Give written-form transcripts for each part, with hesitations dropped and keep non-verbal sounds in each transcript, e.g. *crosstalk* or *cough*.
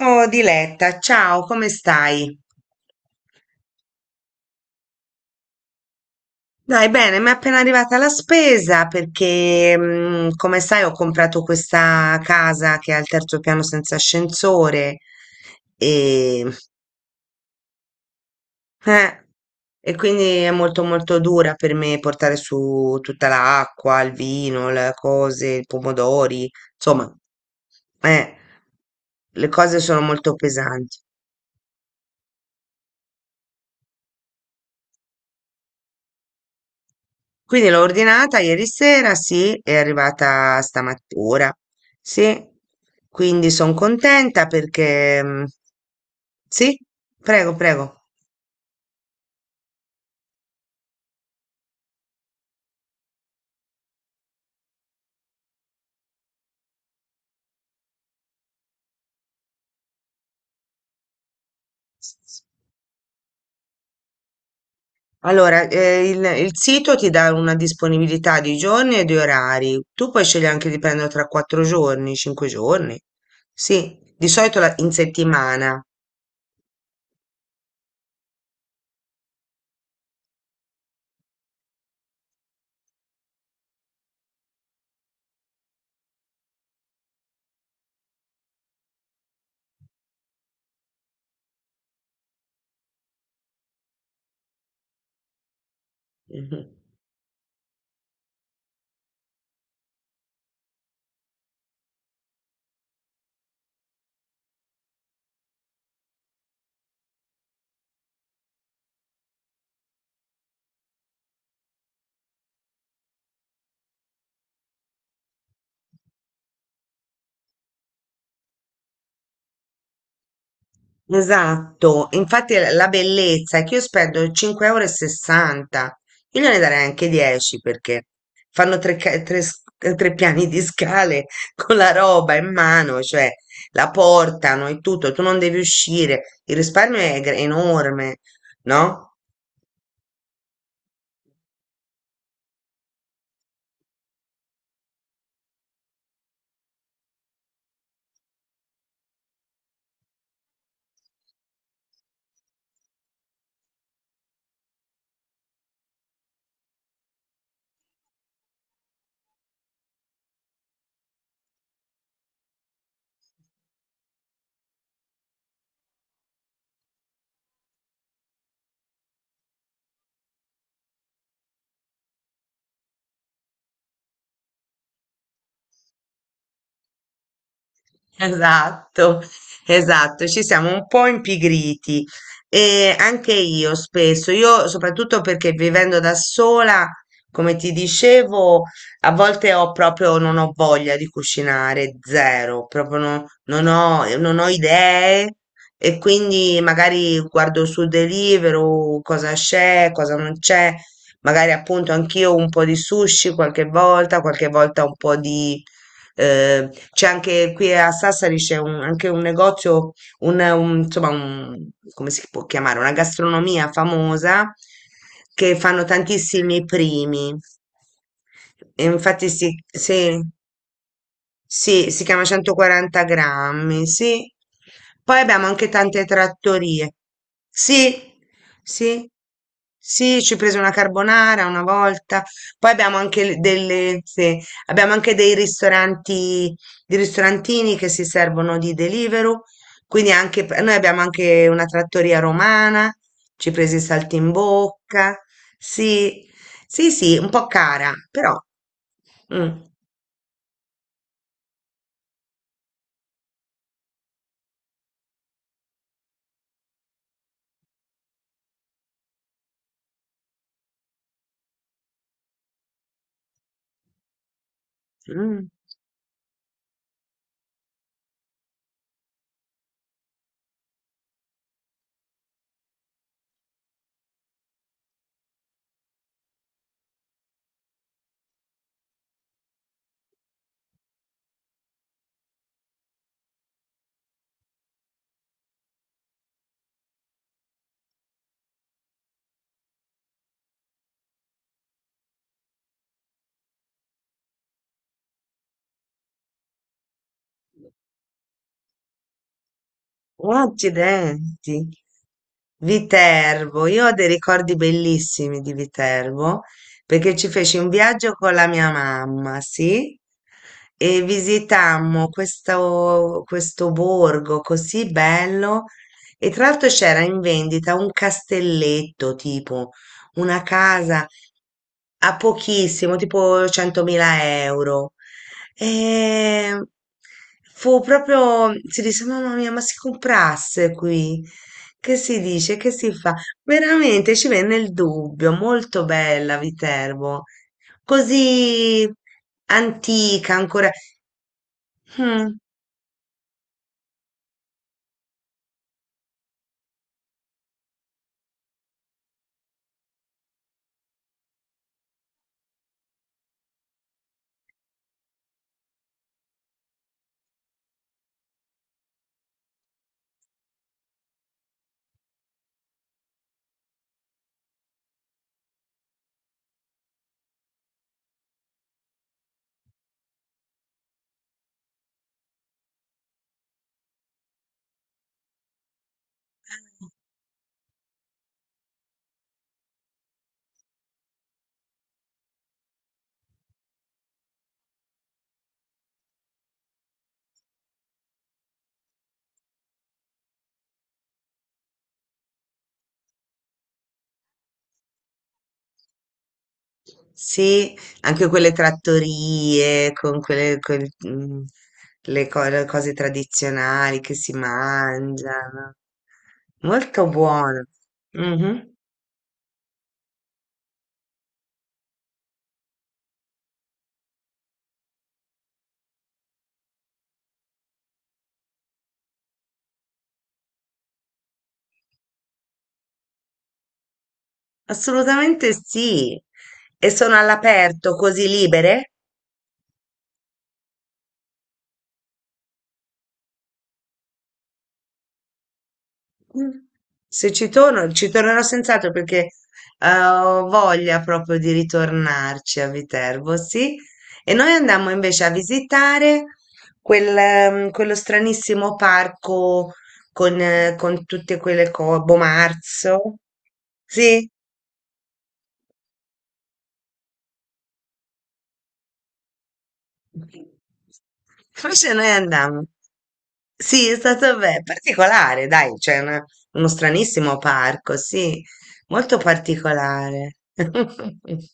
Oh Diletta, ciao, come stai? Dai, bene, mi è appena arrivata la spesa perché, come sai, ho comprato questa casa che ha il terzo piano senza ascensore e, eh, e quindi è molto molto dura per me portare su tutta l'acqua, il vino, le cose, i pomodori, insomma, eh, le cose sono molto pesanti. Quindi l'ho ordinata ieri sera, sì, è arrivata stamattina, sì. Quindi sono contenta perché, mm, sì, prego, prego. Allora, il sito ti dà una disponibilità di giorni e di orari. Tu puoi scegliere anche di prenderlo tra 4 giorni, 5 giorni. Sì, di solito in settimana. Mhm. Esatto, infatti la bellezza è che io spendo 5,60 euro, e sessanta, io gliene darei anche 10 perché fanno tre, ca- tre s- tre piani di scale *laughs* con la roba in mano, cioè la portano e tutto, tu non devi uscire, il risparmio è enorme, no? Esatto, esatto, ci siamo un po' impigriti e anche io spesso, io soprattutto perché vivendo da sola, come ti dicevo, a volte ho proprio, non ho voglia di cucinare, zero, proprio non ho idee e quindi magari guardo su Deliveroo cosa c'è, cosa non c'è, magari appunto anch'io un po' di sushi qualche volta un po' di c'è anche qui a Sassari c'è anche un negozio, insomma, come si può chiamare? Una gastronomia famosa che fanno tantissimi primi. E infatti, sì, sì. Sì, si chiama 140 grammi, sì. Poi abbiamo anche tante trattorie. Sì, sì, sì, ci ho preso una carbonara una volta. Poi abbiamo anche delle, sì, abbiamo anche dei ristoranti, di ristorantini che si servono di Deliveroo. Quindi anche, noi abbiamo anche una trattoria romana, ci ho preso i saltimbocca. Sì, sì, sì, un po' cara, però. Mm, mm. Accidenti. Viterbo, io ho dei ricordi bellissimi di Viterbo perché ci feci un viaggio con la mia mamma, sì, e visitammo questo borgo così bello e tra l'altro c'era in vendita un castelletto, tipo una casa a pochissimo, tipo 100.000 euro. E fu proprio, si disse, mamma mia, ma si comprasse qui? Che si dice? Che si fa? Veramente ci venne il dubbio, molto bella Viterbo, così antica ancora. Mm, sì, anche quelle trattorie con quelle, le cose tradizionali che si mangiano. Molto buono. Assolutamente sì. E sono all'aperto, così libere? Mm. Se ci torno, ci tornerò senz'altro perché ho voglia proprio di ritornarci a Viterbo, sì. E noi andammo invece a visitare quello stranissimo parco con tutte quelle cose, Bomarzo. Sì, invece noi andammo. Sì, è stato particolare, dai, c'è uno stranissimo parco, sì, molto particolare. *laughs*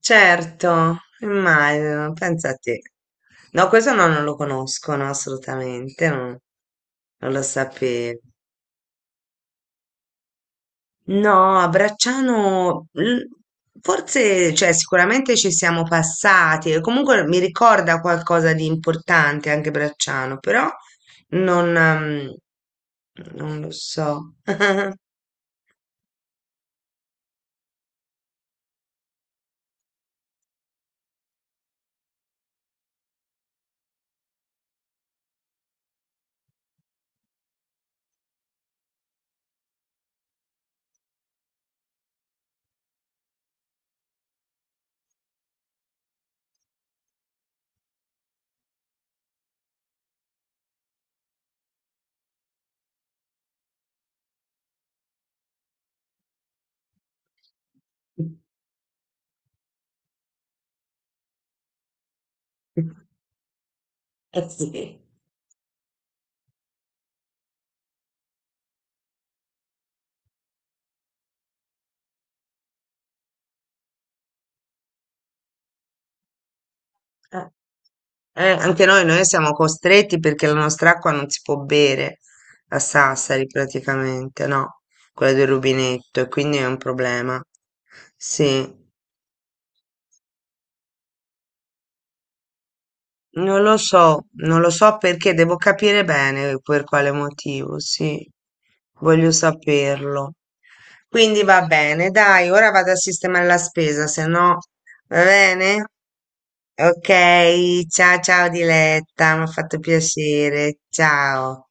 Certo, immagino, pensa a te. No, questo no, non lo conoscono assolutamente, non lo sapevo. No, a Bracciano, forse, cioè, sicuramente ci siamo passati, e comunque mi ricorda qualcosa di importante anche Bracciano, però non, ehm, non lo so. *laughs* Eh sì. Eh, anche noi, siamo costretti perché la nostra acqua non si può bere a Sassari praticamente, no? Quella del rubinetto, e quindi è un problema. Sì. Non lo so, non lo so perché, devo capire bene per quale motivo, sì, voglio saperlo. Quindi va bene, dai, ora vado a sistemare la spesa, se no va bene? Ok, ciao ciao Diletta, mi ha fatto piacere, ciao.